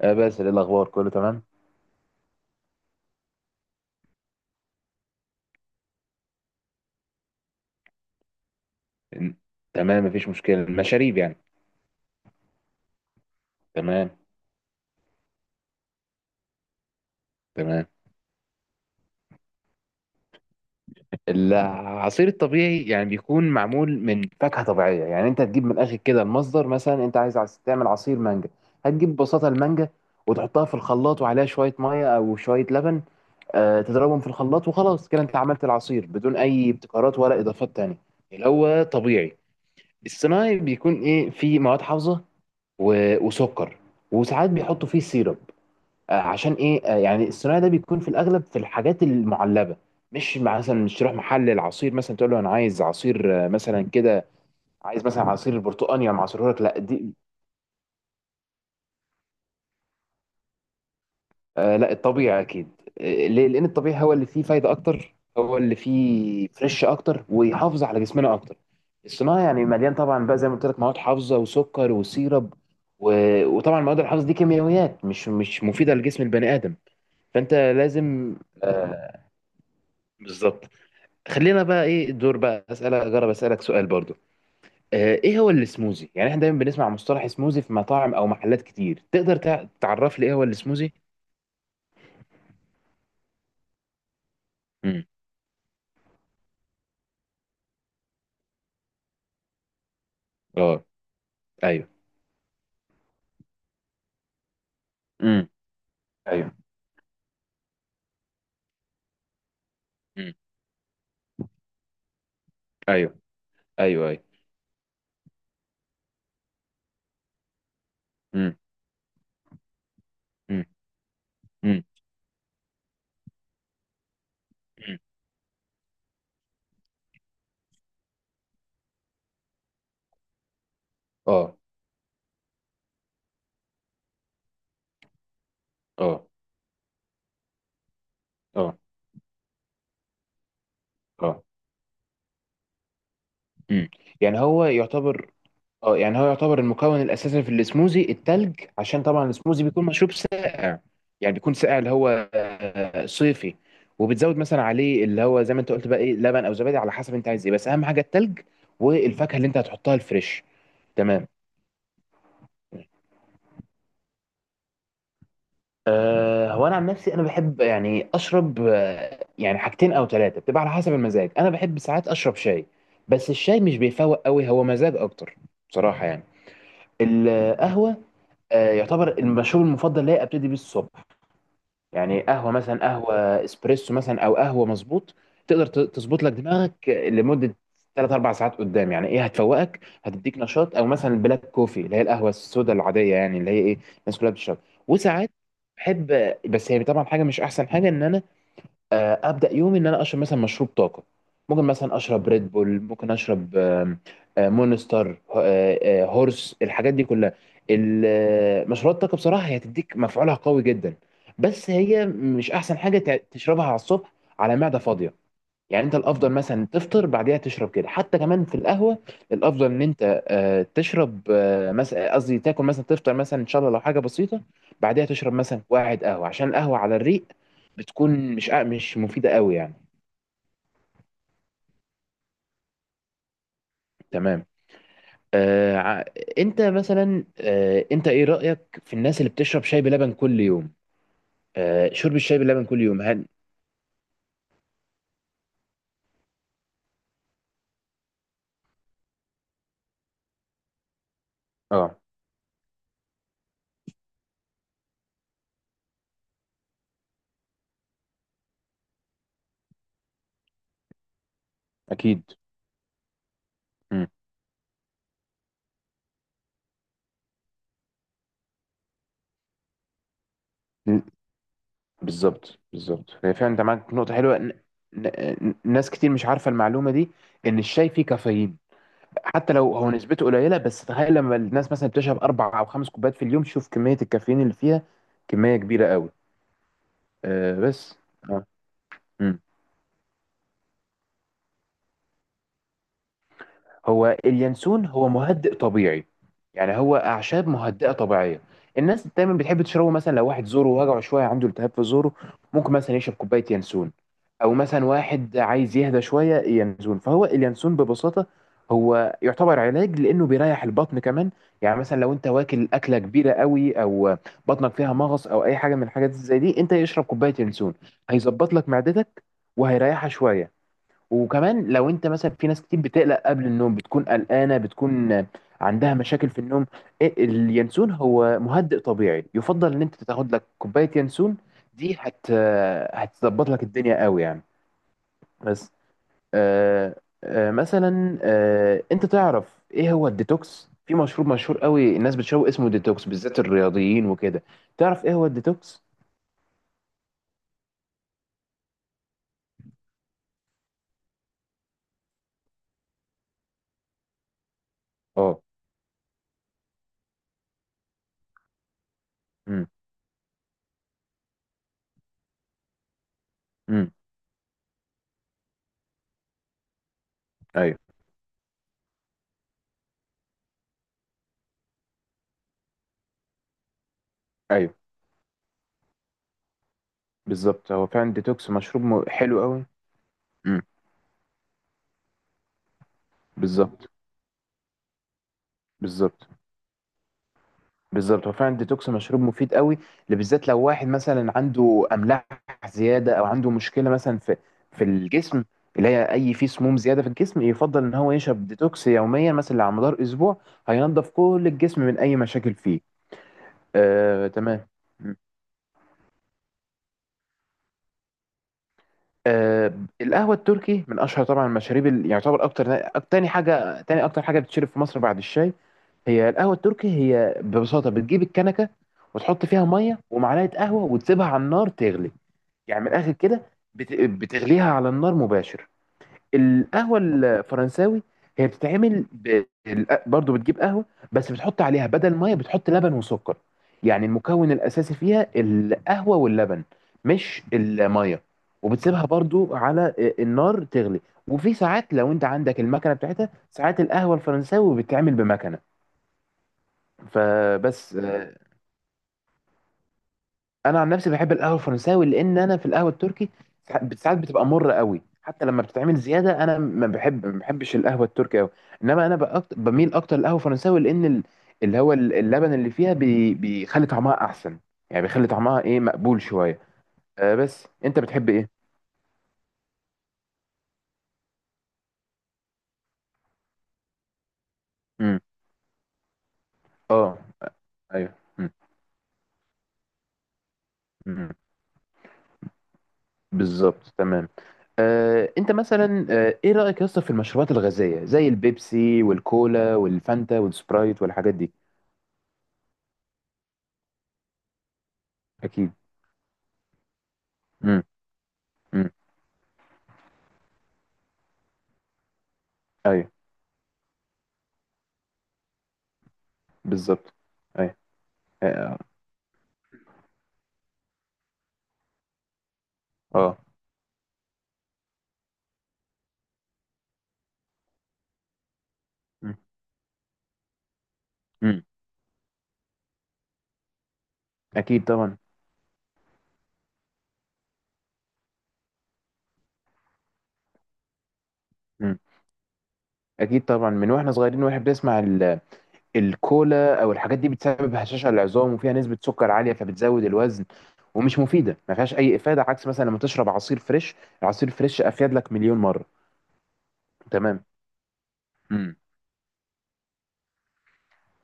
آه بس إيه الأخبار؟ كله تمام. إن- تمام، مفيش مشكلة، المشاريب تمام. تمام، العصير الطبيعي يعني بيكون معمول من فاكهة طبيعية، يعني أنت تجيب من الآخر كده المصدر. مثلا أنت عايز تعمل عصير مانجا، هتجيب ببساطة المانجا وتحطها في الخلاط وعليها شوية مية أو شوية لبن. تضربهم في الخلاط وخلاص كده أنت عملت العصير بدون أي ابتكارات ولا إضافات تانية، اللي هو طبيعي. الصناعي بيكون إيه؟ فيه مواد حافظة وسكر، وساعات بيحطوا فيه سيرب. عشان ايه؟ يعني الصناعي ده بيكون في الاغلب في الحاجات المعلبه. مش مثلا مش تروح محل العصير مثلا تقول له انا عايز عصير مثلا كده، عايز مثلا عصير برتقاني انا معصره لك، لا دي. لا، الطبيعي اكيد. ليه؟ لان الطبيعي هو اللي فيه فايده اكتر، هو اللي فيه فريش اكتر ويحافظ على جسمنا اكتر. الصناعي يعني مليان طبعا بقى زي ما قلت لك مواد حافظه وسكر وسيرب، وطبعا المواد الحافظه دي كيميائيات مش مفيده لجسم البني ادم. فانت لازم، آه، بالظبط. خلينا بقى ايه الدور بقى، اسالك، اجرب اسالك سؤال برضو. ايه هو السموزي؟ يعني احنا دايما بنسمع مصطلح سموزي في مطاعم او محلات كتير، تقدر تعرف لي ايه هو السموزي؟ امم اه. ايوه. امم ايوه. امم ايوه، ايوه، ايوه. امم امم امم أمم. اه. اه. اه. اه. امم يعني هو يعتبر، اه يعني هو يعتبر المكون الاساسي في السموزي التلج، عشان طبعا السموزي بيكون مشروب ساقع، يعني بيكون ساقع اللي هو صيفي. وبتزود مثلا عليه اللي هو زي ما انت قلت بقى ايه لبن او زبادي على حسب انت عايز ايه، بس اهم حاجه التلج والفاكهه اللي انت هتحطها الفريش. تمام. هو انا عن نفسي انا بحب يعني اشرب، يعني حاجتين او ثلاثه بتبقى على حسب المزاج. انا بحب ساعات اشرب شاي، بس الشاي مش بيفوق قوي، هو مزاج اكتر بصراحه يعني. القهوه يعتبر المشروب المفضل ليا ابتدي بيه الصبح. يعني قهوه، مثلا قهوه اسبريسو، مثلا او قهوه مظبوط، تقدر تظبط لك دماغك لمده 3 4 ساعات قدام، يعني ايه هتفوقك هتديك نشاط. او مثلا البلاك كوفي اللي هي القهوه السوداء العاديه، يعني اللي هي ايه الناس كلها بتشربها. وساعات بحب، بس هي طبعا حاجه مش احسن حاجه ان انا ابدا يومي ان انا اشرب مثلا مشروب طاقه. ممكن مثلا اشرب ريد بول، ممكن اشرب آم، آه، مونستر، هورس، الحاجات دي كلها. مشروبات الطاقه بصراحه هي تديك مفعولها قوي جدا، بس هي مش احسن حاجه تشربها على الصبح على معده فاضيه. يعني انت الافضل مثلا تفطر بعديها تشرب كده، حتى كمان في القهوه الافضل ان انت تشرب، مثلا قصدي تاكل، مثلا تفطر مثلا ان شاء الله لو حاجه بسيطه، بعديها تشرب مثلا واحد قهوه، عشان القهوه على الريق بتكون مش، مش مفيده قوي يعني. تمام. آه ع- انت مثلا انت ايه رايك في الناس اللي بتشرب شاي بلبن كل يوم؟ شرب الشاي بلبن كل يوم هل، اه اكيد. مم. بالظبط، هي فعلا انت معاك نقطة حلوة، ناس كتير مش عارفة المعلومة دي ان الشاي فيه كافيين، حتى لو هو نسبته قليلة، بس تخيل لما الناس مثلا بتشرب اربع او خمس كوبايات في اليوم، شوف كمية الكافيين اللي فيها، كمية كبيرة قوي. آه بس آه. هو اليانسون هو مهدئ طبيعي، يعني هو اعشاب مهدئه طبيعيه. الناس دايما بتحب تشربه، مثلا لو واحد زوره وجعه شويه، عنده التهاب في زوره، ممكن مثلا يشرب كوبايه ينسون، او مثلا واحد عايز يهدى شويه ينسون. فهو اليانسون ببساطه هو يعتبر علاج، لانه بيريح البطن كمان. يعني مثلا لو انت واكل اكله كبيره قوي، او بطنك فيها مغص او اي حاجه من الحاجات زي دي، انت يشرب كوبايه ينسون هيظبط لك معدتك وهيريحها شويه. وكمان لو انت مثلا، في ناس كتير بتقلق قبل النوم، بتكون قلقانه، بتكون عندها مشاكل في النوم، ايه اليانسون هو مهدئ طبيعي، يفضل ان انت تاخد لك كوبايه يانسون، دي هت، هتظبط لك الدنيا قوي يعني. بس آه مثلا انت تعرف ايه هو الديتوكس؟ في مشروب مشهور قوي الناس بتشربه اسمه ديتوكس، بالذات الرياضيين وكده، تعرف ايه هو الديتوكس؟ اه. امم امم ايوه. ايوه، بالظبط، هو فعلا ديتوكس مشروب حلو قوي. امم بالظبط بالظبط بالظبط، هو فعلا الديتوكس مشروب مفيد قوي، اللي بالذات لو واحد مثلا عنده املاح زياده، او عنده مشكله مثلا في في الجسم، اللي هي اي في سموم زياده في الجسم، يفضل ان هو يشرب ديتوكس يوميا مثلا على مدار اسبوع، هينضف كل الجسم من اي مشاكل فيه. تمام. آه القهوه التركي من اشهر طبعا المشاريب، اللي يعتبر اكتر تاني حاجه، تاني اكتر حاجه بتشرب في مصر بعد الشاي، هي القهوة التركي. هي ببساطة بتجيب الكنكة وتحط فيها مية ومعلقة قهوة وتسيبها على النار تغلي. يعني من الآخر كده بتغليها على النار مباشر. القهوة الفرنساوي هي بتتعمل برضو بتجيب قهوة، بس بتحط عليها بدل مية بتحط لبن وسكر، يعني المكون الأساسي فيها القهوة واللبن، مش المية. وبتسيبها برضو على النار تغلي. وفي ساعات لو انت عندك المكنة بتاعتها، ساعات القهوة الفرنساوي بتتعمل بمكنة. فبس آه، انا عن نفسي بحب القهوه الفرنساوي، لان انا في القهوه التركي ساعات بتبقى مره قوي حتى لما بتتعمل زياده، انا ما بحبش القهوه التركي قوي. انما انا بميل اكتر للقهوه الفرنساوي، لان اللبن اللي فيها بيخلي طعمها احسن، يعني بيخلي طعمها ايه مقبول شويه. آه بس انت بتحب ايه؟ امم اه. ايوه. مم. مم. بالظبط، تمام. انت مثلا ايه رايك يا اسطى في المشروبات الغازيه زي البيبسي والكولا والفانتا والسبرايت والحاجات دي؟ اكيد. امم امم ايوه. بالظبط. ايوه. اه. آه. مم. مم. اكيد طبعا. مم. اكيد طبعا، من واحنا صغيرين واحنا بنسمع الكولا او الحاجات دي بتسبب هشاشه للعظام، وفيها نسبه سكر عاليه فبتزود الوزن، ومش مفيده، ما فيهاش اي افاده. عكس مثلا لما تشرب عصير فريش، العصير فريش افيد لك مليون مره. تمام. مم.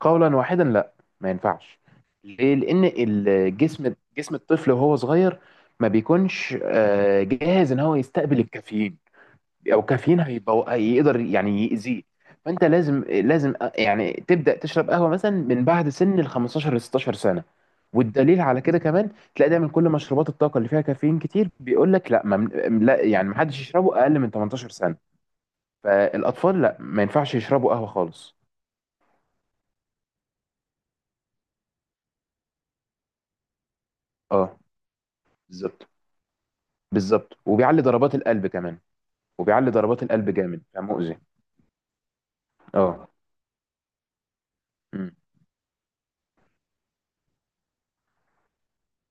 قولا واحدا لا، ما ينفعش. ليه؟ لان الجسم، جسم الطفل وهو صغير، ما بيكونش جاهز ان هو يستقبل الكافيين، او كافيين هيبقى هيقدر يعني يأذيه. فانت لازم يعني تبدأ تشرب قهوة مثلا من بعد سن ال 15 ل 16 سنة. والدليل على كده كمان تلاقي دايما كل مشروبات الطاقة اللي فيها كافيين كتير بيقول لك لا، لا يعني ما حدش يشربه اقل من 18 سنة. فالاطفال لا ما ينفعش يشربوا قهوة خالص. اه، بالظبط. وبيعلي ضربات القلب كمان. وبيعلي ضربات القلب جامد فمؤذي. اه. مم.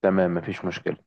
تمام، مفيش مشكلة.